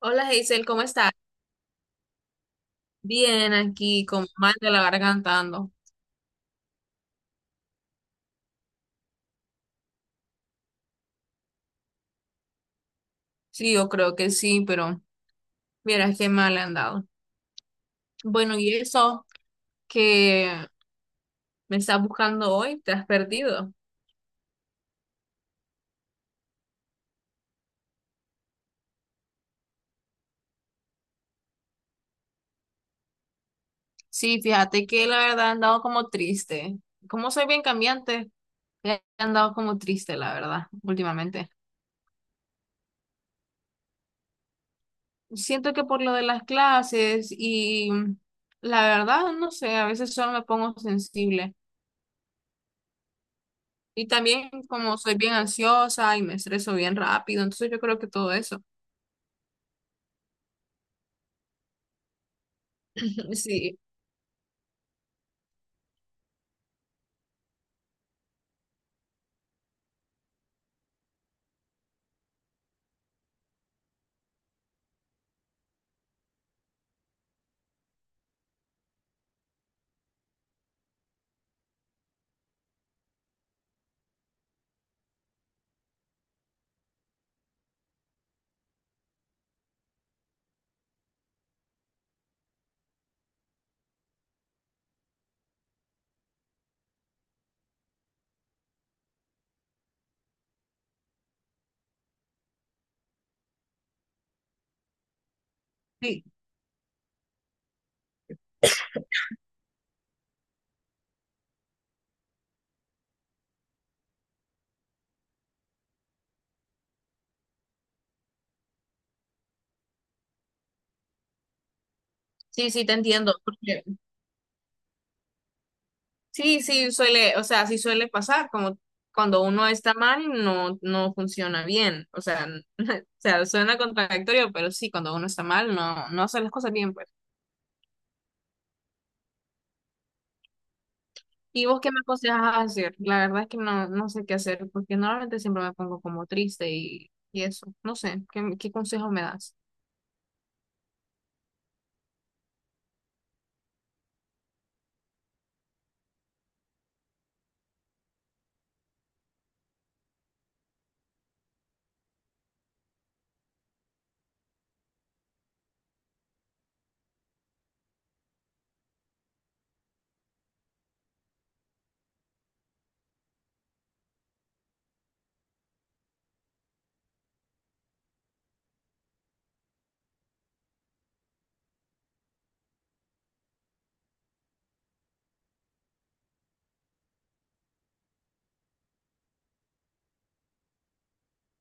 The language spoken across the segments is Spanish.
Hola Hazel, ¿cómo estás? Bien, aquí con mal de la gargantando. Sí, yo creo que sí, pero mira qué mal le han dado. Bueno, y eso que me estás buscando hoy, te has perdido. Sí, fíjate que la verdad han dado como triste. Como soy bien cambiante, he andado como triste, la verdad, últimamente. Siento que por lo de las clases y la verdad, no sé, a veces solo me pongo sensible. Y también como soy bien ansiosa y me estreso bien rápido, entonces yo creo que todo eso. Sí, sí, sí, te entiendo. Porque sí, sí, suele, o sea, sí suele pasar, como cuando uno está mal, no, no funciona bien. O sea, o sea, suena contradictorio, pero sí, cuando uno está mal, no, no hace las cosas bien, pues. ¿Y vos qué me aconsejas hacer? La verdad es que no, no sé qué hacer, porque normalmente siempre me pongo como triste y eso. No sé, ¿qué, qué consejo me das?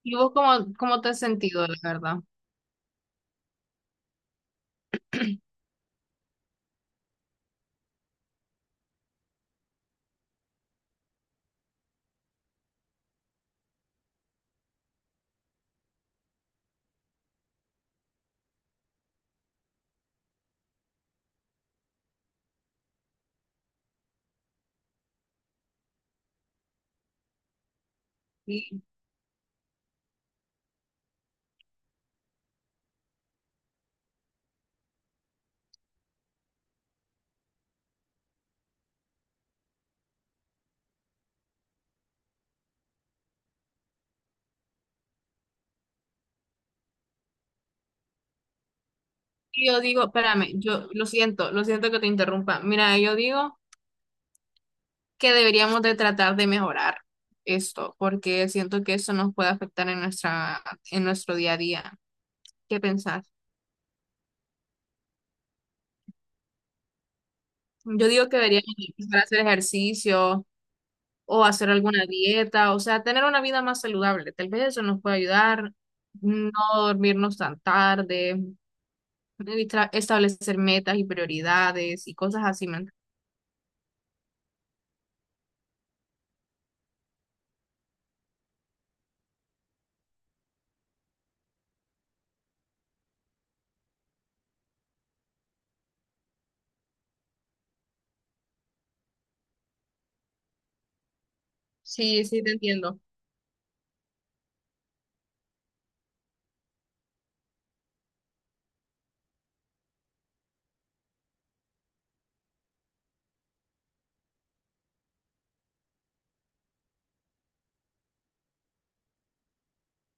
¿Y vos cómo, cómo te has sentido, la verdad? Yo digo, espérame, yo lo siento que te interrumpa. Mira, yo digo que deberíamos de tratar de mejorar esto, porque siento que eso nos puede afectar en nuestra, en nuestro día a día. ¿Qué pensás? Yo digo que deberíamos de empezar a hacer ejercicio o hacer alguna dieta, o sea, tener una vida más saludable. Tal vez eso nos puede ayudar, no dormirnos tan tarde, establecer metas y prioridades y cosas así, ¿me entiendes? Sí, sí, te entiendo.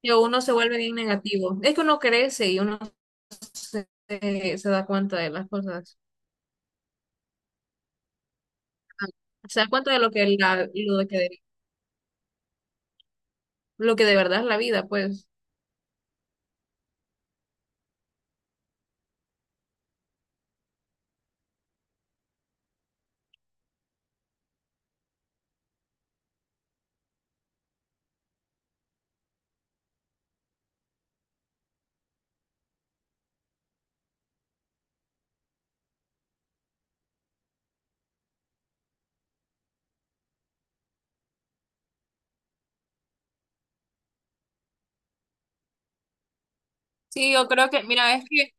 Que uno se vuelve bien negativo. Es que uno crece y uno se, se da cuenta de las cosas. Se da cuenta de lo que, la, lo que, lo que de verdad es la vida, pues. Sí, yo creo que, mira, es que,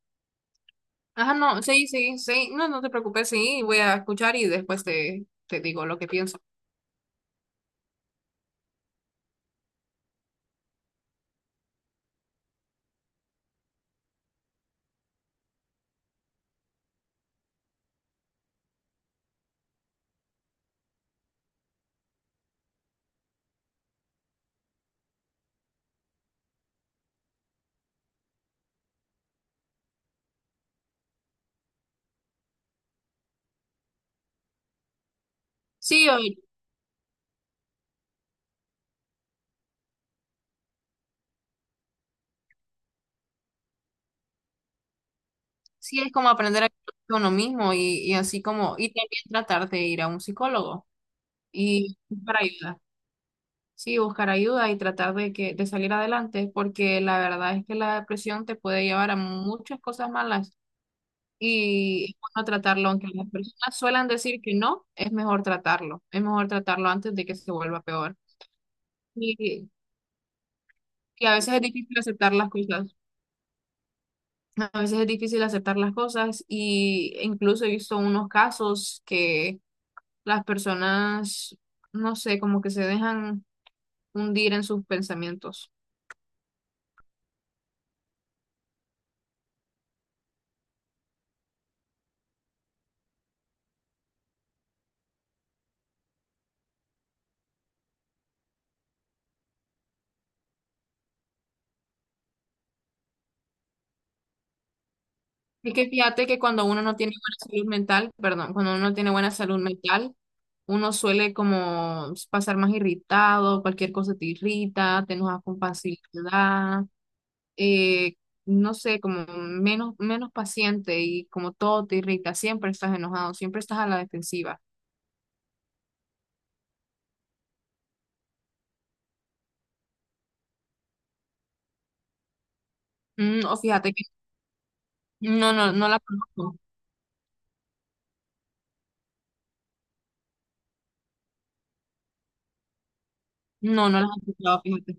ajá, no, sí, sí, sí, no, no te preocupes, sí, voy a escuchar y después te, te digo lo que pienso. Sí, sí, es como aprender a con lo mismo y así como, y también tratar de ir a un psicólogo y para ayudar. Sí, buscar ayuda y tratar de que de salir adelante, porque la verdad es que la depresión te puede llevar a muchas cosas malas y es bueno tratarlo, aunque las personas suelen decir que no, es mejor tratarlo antes de que se vuelva peor. Y, y a veces es difícil aceptar las cosas, a veces es difícil aceptar las cosas y incluso he visto unos casos que las personas, no sé, como que se dejan hundir en sus pensamientos. Es que fíjate que cuando uno no tiene buena salud mental, perdón, cuando uno no tiene buena salud mental, uno suele como pasar más irritado, cualquier cosa te irrita, te enojas con facilidad, eh, no sé, como menos, menos paciente y como todo te irrita, siempre estás enojado, siempre estás a la defensiva. Mm, o fíjate que no, no, no la conozco, no, no la he escuchado, fíjate.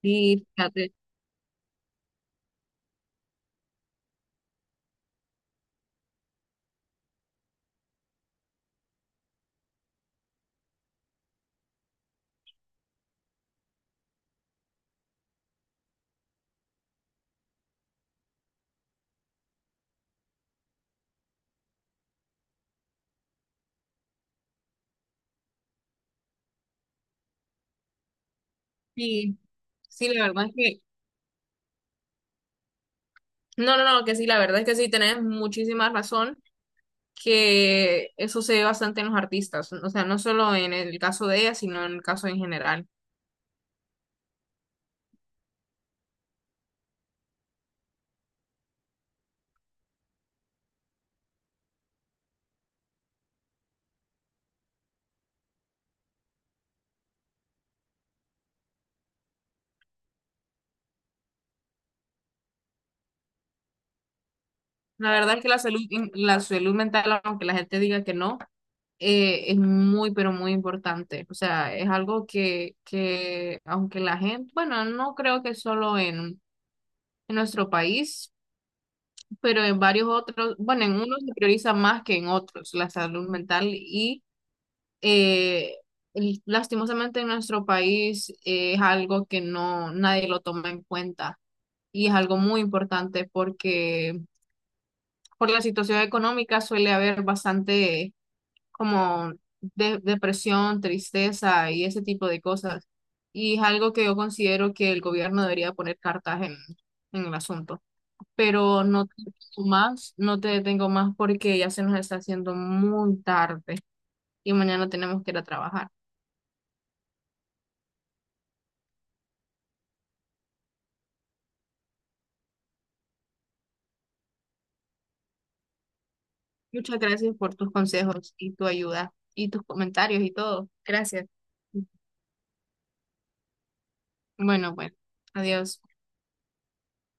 Sí, fíjate, sí, sí, la verdad es que, no, no, no, que sí, la verdad es que sí, tenés muchísima razón. Que eso se ve bastante en los artistas, o sea, no solo en el caso de ella, sino en el caso en general. La verdad es que la salud mental, aunque la gente diga que no, es muy, pero muy importante. O sea, es algo que, aunque la gente, bueno, no creo que solo en nuestro país, pero en varios otros, bueno, en unos se prioriza más que en otros la salud mental y eh, lastimosamente en nuestro país es algo que no nadie lo toma en cuenta y es algo muy importante porque por la situación económica suele haber bastante como depresión, tristeza y ese tipo de cosas. Y es algo que yo considero que el gobierno debería poner cartas en el asunto. Pero no te detengo más, no te detengo más porque ya se nos está haciendo muy tarde y mañana tenemos que ir a trabajar. Muchas gracias por tus consejos y tu ayuda y tus comentarios y todo. Gracias. Bueno, bueno. Adiós.